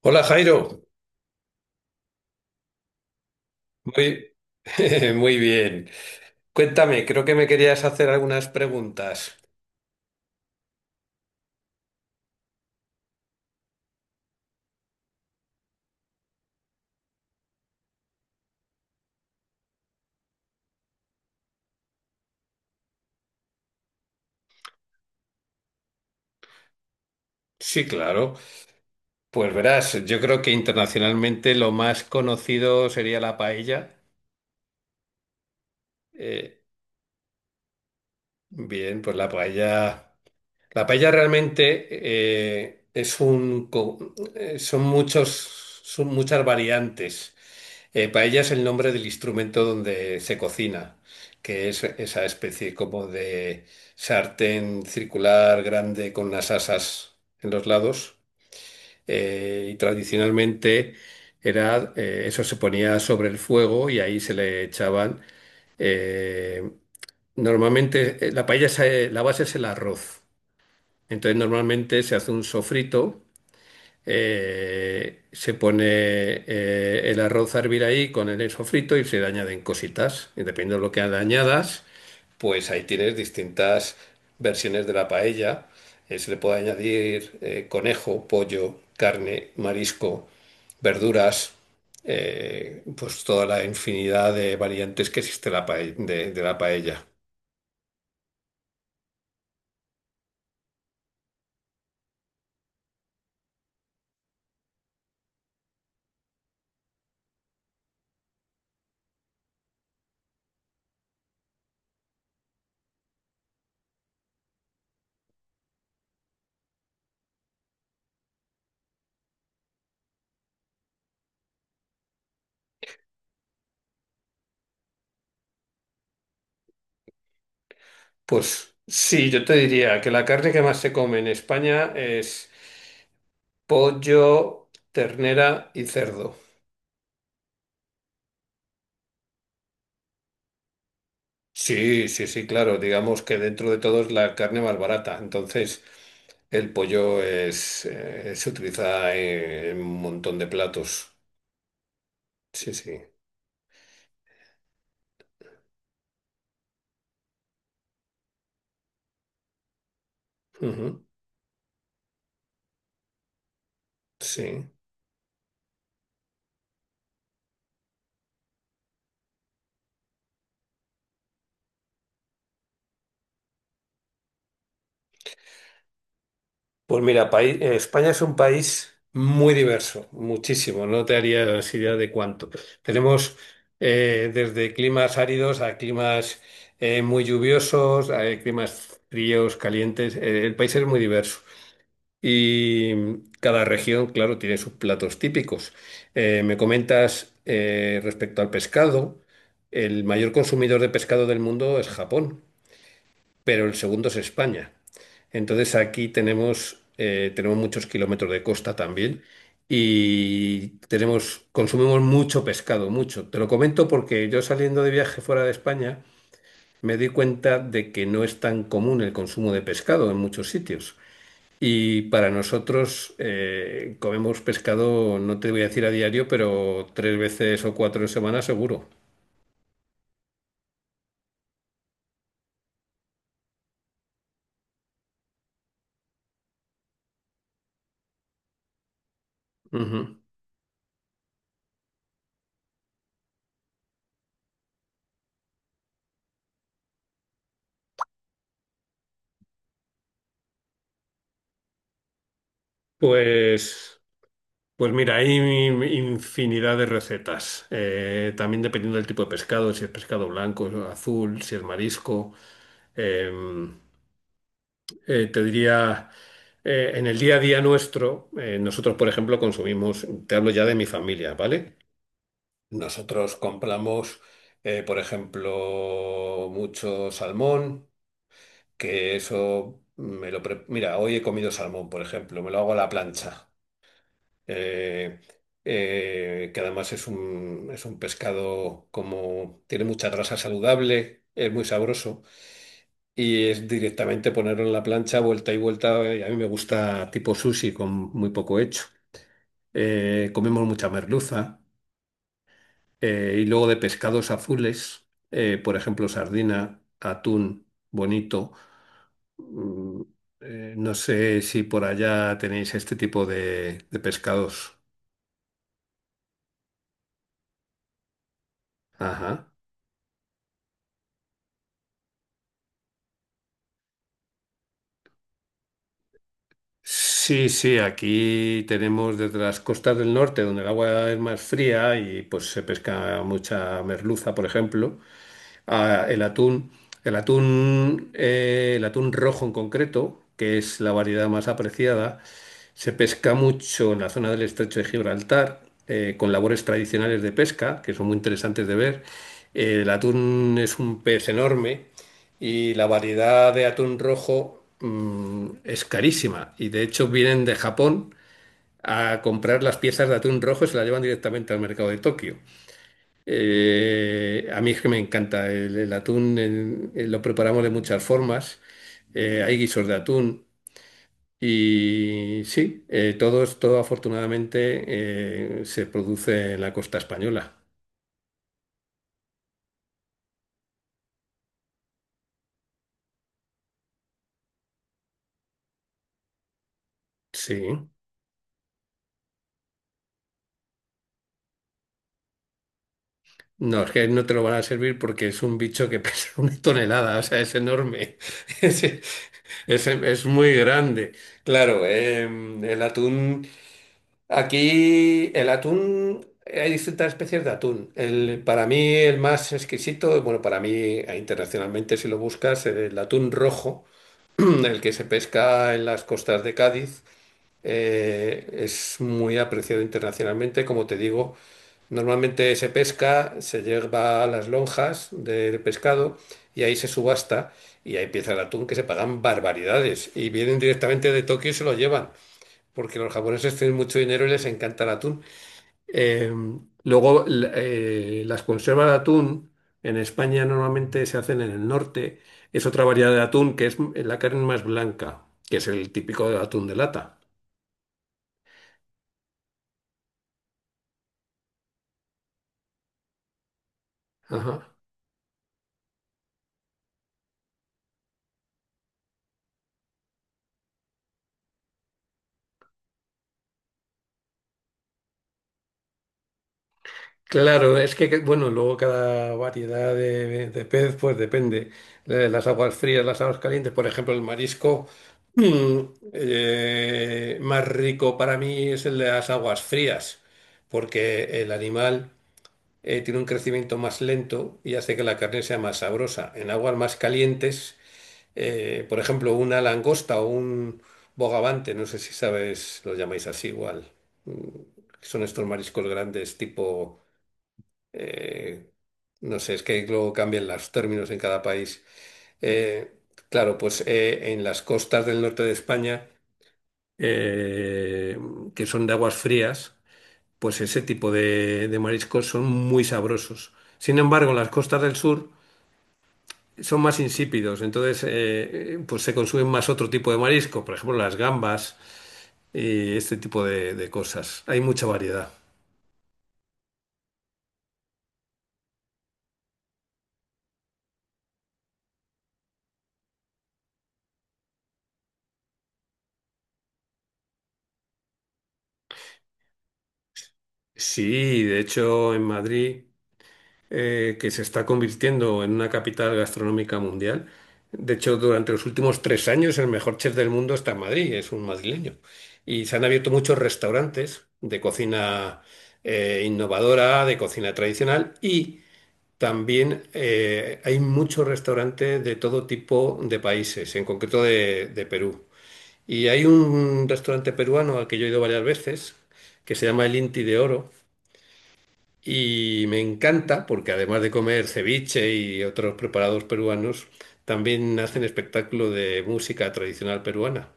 Hola Jairo, muy, muy bien. Cuéntame, creo que me querías hacer algunas preguntas. Sí, claro. Pues verás, yo creo que internacionalmente lo más conocido sería la paella. Eh, Bien, pues la paella realmente eh, es un, co- son muchos, son muchas variantes. Paella es el nombre del instrumento donde se cocina, que es esa especie como de sartén circular grande con unas asas en los lados. Y tradicionalmente era, eso se ponía sobre el fuego y ahí se le echaban. eh, Normalmente la paella, la base es el arroz. Entonces normalmente se hace un sofrito se pone el arroz a hervir ahí con el sofrito y se le añaden cositas. Y dependiendo de lo que le añadas, pues ahí tienes distintas versiones de la paella. Se le puede añadir conejo, pollo, carne, marisco, verduras. Pues toda la infinidad de variantes que existe la pae- de la paella. Pues sí, yo te diría que la carne que más se come en España es pollo, ternera y cerdo. Sí, sí, sí, claro. Digamos que dentro de todo es la carne más barata. Entonces, el pollo es, se utiliza en un montón de platos. Sí, sí. Ujú, sí. Pues mira, España es un país muy diverso, muchísimo. No te harías idea de cuánto. Tenemos desde climas áridos a climas muy lluviosos, a climas fríos, calientes. El país es muy diverso. Y mm, cada región, claro, tiene sus platos típicos. Me comentas respecto al pescado, el mayor consumidor de pescado del mundo es Japón, pero el segundo es España. Entonces aquí tenemos, tenemos muchos kilómetros de costa también y tenemos, consumimos mucho pescado, mucho. Te lo comento porque yo saliendo de viaje fuera de España me di cuenta de que no es tan común el consumo de pescado en muchos sitios. Y para nosotros comemos pescado, no te voy a decir a diario, pero tres veces o cuatro en semana seguro. Ujú. Pues, pues mira, hay infinidad de recetas. También dependiendo del tipo de pescado, si es pescado blanco, azul, si es marisco. Eh, Te diría, en el día a día nuestro, nosotros, por ejemplo, consumimos, te hablo ya de mi familia, ¿vale? Nosotros compramos, por ejemplo, mucho salmón, que eso me lo... Mira, hoy he comido salmón, por ejemplo, me lo hago a la plancha, eh, que además es un pescado como... tiene mucha grasa saludable, es muy sabroso, y es directamente ponerlo en la plancha, vuelta y vuelta, y a mí me gusta tipo sushi con muy poco hecho. Comemos mucha merluza. Y luego de pescados azules, por ejemplo, sardina, atún, bonito. Mm, no sé si por allá tenéis este tipo de pescados. Ajá. Sí, sí, aquí tenemos desde las costas del norte, donde el agua es más fría y pues se pesca mucha merluza, por ejemplo. Ah, el atún, el atún rojo en concreto, que es la variedad más apreciada, se pesca mucho en la zona del estrecho de Gibraltar, con labores tradicionales de pesca, que son muy interesantes de ver. El atún es un pez enorme y la variedad de atún rojo, mm, es carísima. Y de hecho vienen de Japón a comprar las piezas de atún rojo y se las llevan directamente al mercado de Tokio. A mí es que me encanta el atún, lo preparamos de muchas formas. Hay guisos de atún y sí, todo, todo afortunadamente se produce en la costa española. Sí. No, es que no te lo van a servir porque es un bicho que pesa una tonelada, o sea, es enorme. Es muy grande. Claro, el atún. Aquí el atún, hay distintas especies de atún. El, para mí el más exquisito, bueno, para mí internacionalmente si lo buscas, el atún rojo, el que se pesca en las costas de Cádiz, es muy apreciado internacionalmente. Como te digo, normalmente se pesca, se lleva a las lonjas del pescado y ahí se subasta y ahí empieza el atún que se pagan barbaridades y vienen directamente de Tokio y se lo llevan porque los japoneses tienen mucho dinero y les encanta el atún. Eh, luego las conservas de atún en España normalmente se hacen en el norte. Es otra variedad de atún que es la carne más blanca, que es el típico de atún de lata. Ajá. Claro, es que, bueno, luego cada variedad de pez, pues depende. Las aguas frías, las aguas calientes, por ejemplo, el marisco mm, más rico para mí es el de las aguas frías, porque el animal tiene un crecimiento más lento y hace que la carne sea más sabrosa. En aguas más calientes, por ejemplo, una langosta o un bogavante, no sé si sabes, lo llamáis así igual. Mm, son estos mariscos grandes tipo, eh, no sé, es que luego cambian los términos en cada país. Eh, claro, pues en las costas del norte de España, eh, que son de aguas frías, pues ese tipo de mariscos son muy sabrosos. Sin embargo, en las costas del sur son más insípidos, entonces pues se consumen más otro tipo de marisco, por ejemplo las gambas y este tipo de cosas. Hay mucha variedad. Sí, de hecho en Madrid que se está convirtiendo en una capital gastronómica mundial. De hecho, durante los últimos 3 años el mejor chef del mundo está en Madrid, es un madrileño. Y se han abierto muchos restaurantes de cocina innovadora, de cocina tradicional y también hay muchos restaurantes de todo tipo de países, en concreto de Perú. Y hay un restaurante peruano al que yo he ido varias veces, que se llama El Inti de Oro y me encanta porque además de comer ceviche y otros preparados peruanos, también hacen espectáculo de música tradicional peruana.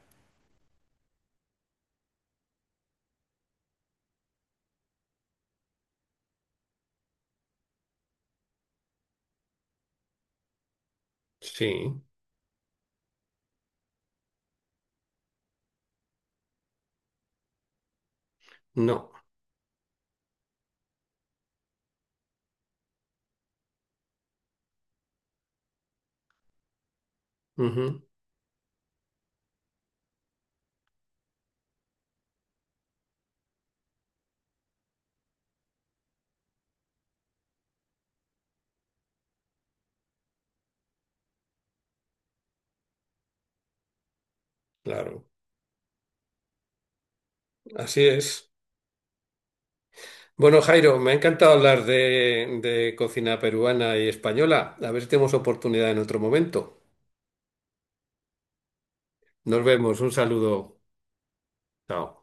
Sí, no, ujú, claro, así es. Bueno, Jairo, me ha encantado hablar de cocina peruana y española. A ver si tenemos oportunidad en otro momento. Nos vemos, un saludo. Chao.